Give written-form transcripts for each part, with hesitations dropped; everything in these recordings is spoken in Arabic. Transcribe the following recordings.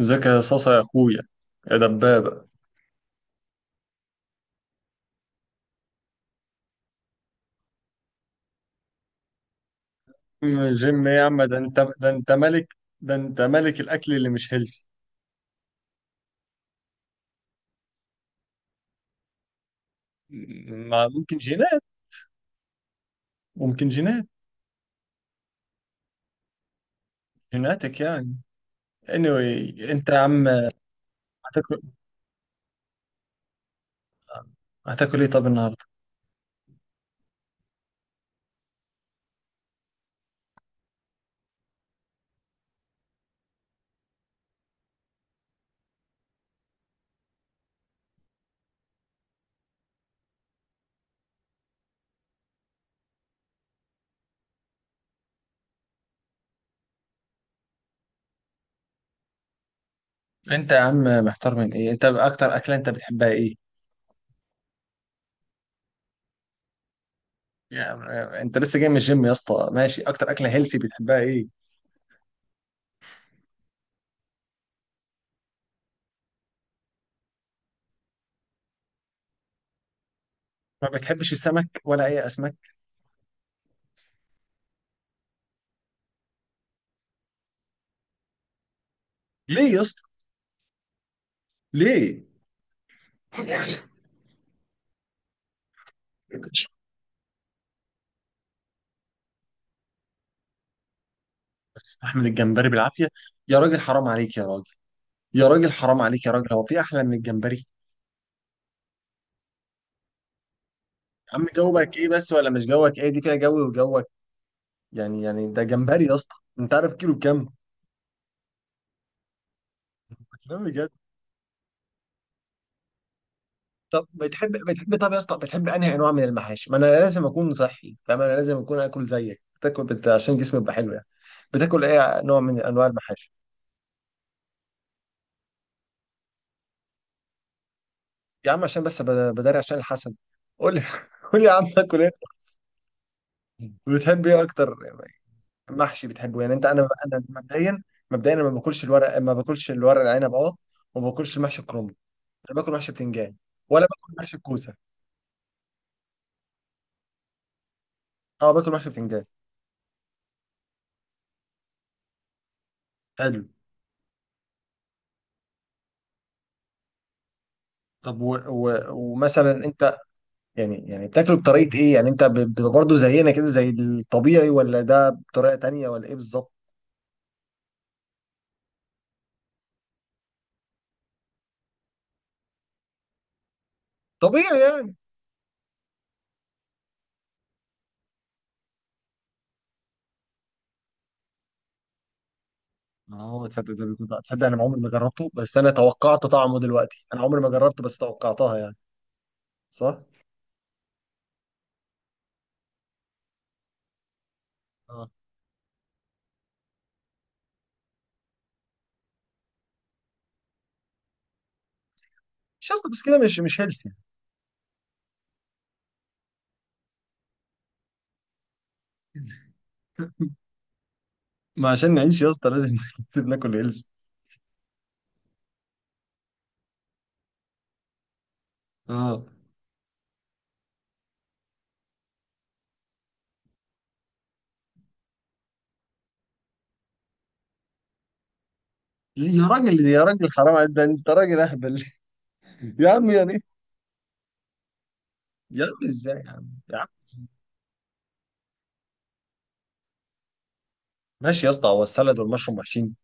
ازيك يا صاصة يا اخويا يا دبابة. جيم ايه يا عم؟ ده انت ملك، ده انت ملك الاكل اللي مش هيلثي. ما ممكن جينات، ممكن جينات. جيناتك يعني. Anyway انت يا عم. هتاكل. هتاكل ايه طب النهارده؟ انت يا عم محتار من ايه؟ انت اكتر اكلة انت بتحبها ايه يعني؟ انت لسه جاي من الجيم يا اسطى، ماشي، اكتر اكله هيلسي بتحبها ايه؟ ما بتحبش السمك ولا اي اسماك؟ ليه يا اسطى؟ ليه؟ بتستحمل الجمبري بالعافيه؟ يا راجل حرام عليك يا راجل. يا راجل حرام عليك يا راجل، هو في احلى من الجمبري؟ يا عم جوك ايه بس؟ ولا مش جوك؟ ايه دي فيها جوي وجوك يعني؟ يعني ده جمبري يا اسطى، انت عارف كيلو بكام؟ كلام بجد. طب بتحب طب يا اسطى، بتحب انهي انواع من المحاشي؟ ما انا لازم اكون صحي فاهم، انا لازم اكون اكل زيك بتاكل عشان جسمي يبقى حلو يعني. بتاكل ايه نوع من انواع المحاشي؟ يا عم عشان بس بداري عشان الحسن. قول لي قول لي يا عم، اكل ايه؟ بتحب ايه اكتر؟ محشي بتحبه يعني انت؟ انا مبدئيا أنا ما باكلش الورق، ما باكلش الورق العنب، اه، وما باكلش محشي الكرنب. انا باكل محشي بتنجان، ولا باكل محشي الكوسه. اه باكل محشي بتنجان. حلو. طب ومثلا انت يعني، يعني بتاكله بطريقه ايه يعني؟ انت بتبقى برضه زينا كده زي الطبيعي، ولا ده بطريقه تانية ولا ايه بالظبط؟ طبيعي يعني. اه تصدق ده بيكون تصدق انا عمري ما جربته بس انا توقعت طعمه، دلوقتي انا عمري ما جربته بس توقعتها يعني. صح. اه. مش يا اسطى بس كده مش هيلثي يعني. ما عشان نعيش يا اسطى لازم لازم ناكل هيلثي. اه. ليه يا راجل؟ يا راجل حرام عليك، ده انت راجل اهبل. يا عم يعني. يا عم ازاي يا عم يا عم؟ ماشي يا اسطى، هو السلد والمشروم وحشين؟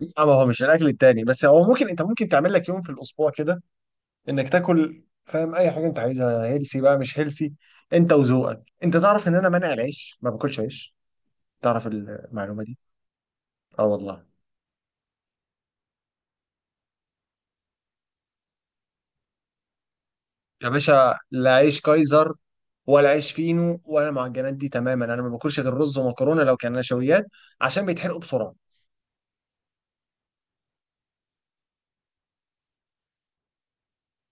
لا، ما هو مش الاكل التاني، بس هو ممكن انت ممكن تعمل لك يوم في الاسبوع كده، انك تاكل فاهم اي حاجه انت عايزها، هيلسي بقى مش هيلسي. انت وذوقك. انت تعرف ان انا مانع العيش، ما باكلش عيش، تعرف المعلومه دي؟ اه والله. يا باشا لا عيش كايزر ولا عيش فينو ولا المعجنات دي تماما، انا ما باكلش غير رز ومكرونه لو كان نشويات. عشان بيتحرقوا بسرعه.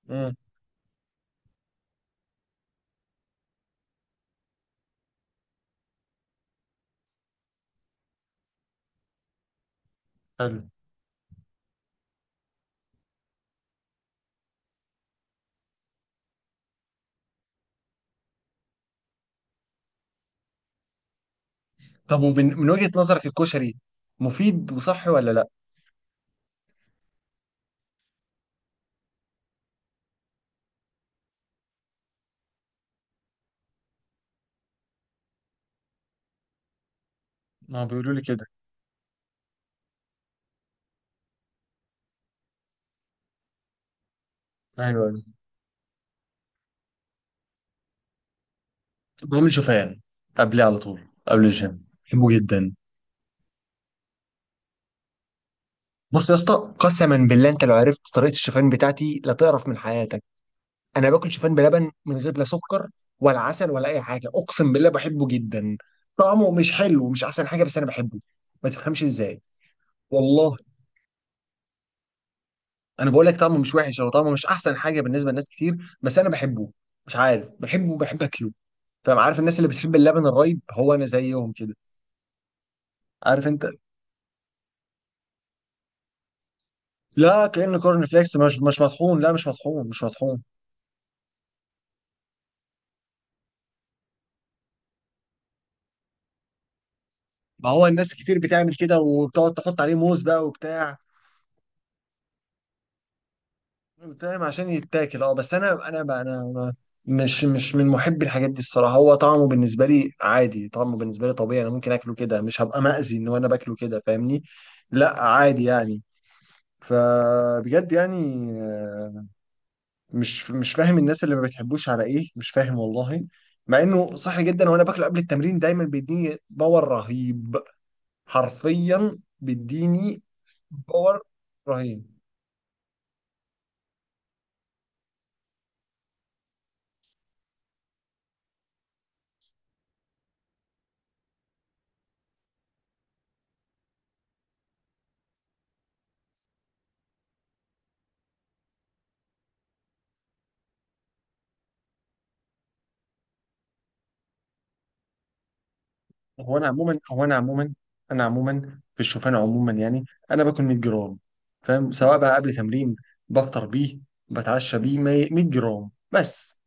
امم حلو. طب ومن وجهه نظرك الكشري مفيد وصحي ولا لا؟ ما هو بيقولوا لي كده. ايوه. بقوم شوفان قبليه على طول قبل الجيم، بحبه جدا. بص يا اسطى، قسما بالله انت لو عرفت طريقه الشوفان بتاعتي لا تعرف من حياتك. انا باكل شوفان بلبن من غير لا سكر ولا عسل ولا اي حاجه، اقسم بالله بحبه جدا. طعمه مش حلو، مش احسن حاجه، بس انا بحبه. ما تفهمش ازاي. والله انا بقول لك طعمه مش وحش، او طعمه مش احسن حاجه بالنسبه لناس كتير، بس انا بحبه. مش عارف، بحبه وبحب اكله فاهم. عارف الناس اللي بتحب اللبن الرايب؟ هو انا زيهم كده. عارف انت؟ لا كأنه كورن فليكس، مش مطحون، لا مش مطحون مش مطحون. ما هو الناس كتير بتعمل كده وبتقعد تحط عليه موز بقى وبتاع، بتعمل عشان يتاكل. اه بس انا بقى، أنا مش من محبي الحاجات دي الصراحه. هو طعمه بالنسبه لي عادي، طعمه بالنسبه لي طبيعي، انا ممكن اكله كده مش هبقى مأذي ان انا باكله كده فاهمني. لا عادي يعني. فبجد يعني. مش فاهم الناس اللي ما بتحبوش على ايه، مش فاهم والله، مع انه صحي جدا وانا باكله قبل التمرين دايما بيديني باور رهيب. حرفيا بيديني باور رهيب. هو انا عموما هو انا عموما انا عموما في الشوفان عموما يعني، انا باكل 100 جرام فاهم، سواء بقى قبل تمرين، بفطر بيه، بتعشى بيه، 100 جرام بس.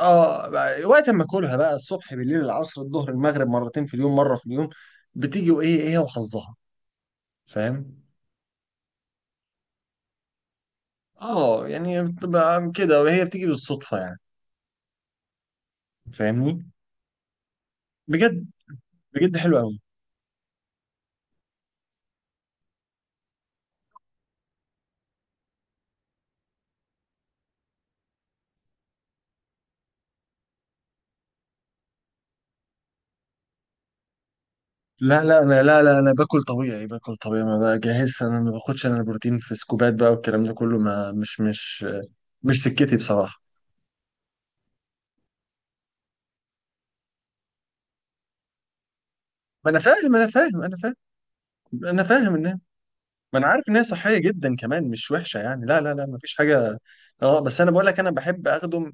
اه وقت ما اكلها بقى، الصبح بالليل العصر الظهر المغرب، مرتين في اليوم، مره في اليوم، بتيجي وايه ايه وحظها فاهم. اه يعني بتبقى كده وهي بتيجي بالصدفه يعني. فاهمني. بجد بجد حلو قوي. لا لا انا باكل طبيعي، ما بجهزش انا، ما باخدش انا البروتين في سكوبات بقى والكلام ده كله، ما مش سكتي بصراحه. ما انا فاهم. انا فاهم ان ما انا عارف ان هي صحيه جدا كمان مش وحشه يعني، لا لا لا ما فيش حاجه. اه بس انا بقول لك انا بحب اخده من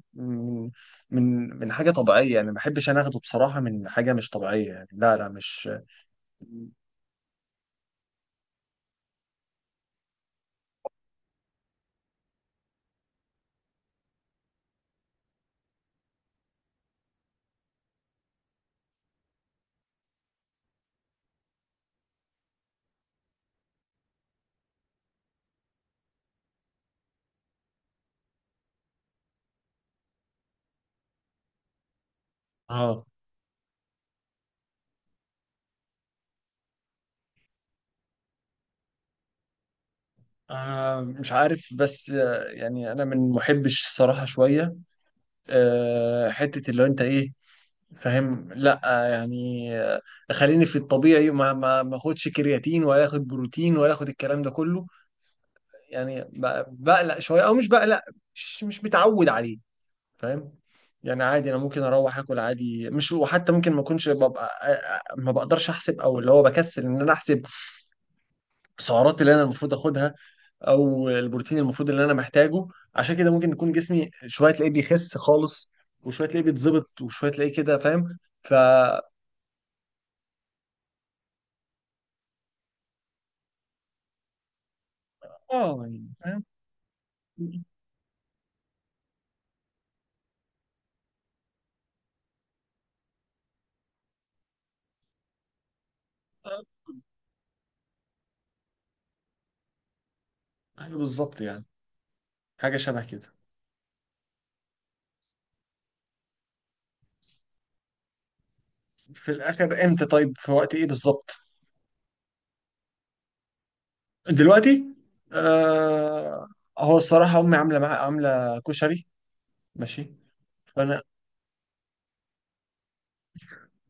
من حاجه طبيعيه يعني، ما بحبش انا اخده بصراحه من حاجه مش طبيعيه يعني، لا لا مش. اه انا مش عارف بس يعني، انا من محبش الصراحه شويه. حتة اللي هو انت ايه فاهم؟ لا يعني خليني في الطبيعي، ما اخدش كرياتين ولا اخد بروتين ولا اخد الكلام ده كله. يعني بقلق شوية او مش بقلق، مش متعود عليه فاهم. يعني عادي انا ممكن اروح اكل عادي مش، وحتى ممكن ما اكونش ببقى ما بقدرش احسب او اللي هو بكسل ان انا احسب السعرات اللي انا المفروض اخدها، او البروتين المفروض اللي انا محتاجه. عشان كده ممكن يكون جسمي شويه تلاقيه بيخس خالص، وشويه تلاقيه بيتظبط، وشويه تلاقيه كده فاهم. ف اه يعني فاهم. آه، ايوه بالظبط يعني، حاجه شبه كده. في الاخر امتى؟ طيب في وقت ايه بالظبط؟ دلوقتي. آه. هو الصراحه امي عامله عامله كشري. ماشي. فانا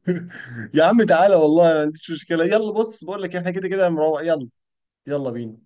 يا عم تعالى، والله ما عنديش مشكله، يلا بص بقول لك احنا كده كده مروق، يلا يلا بينا.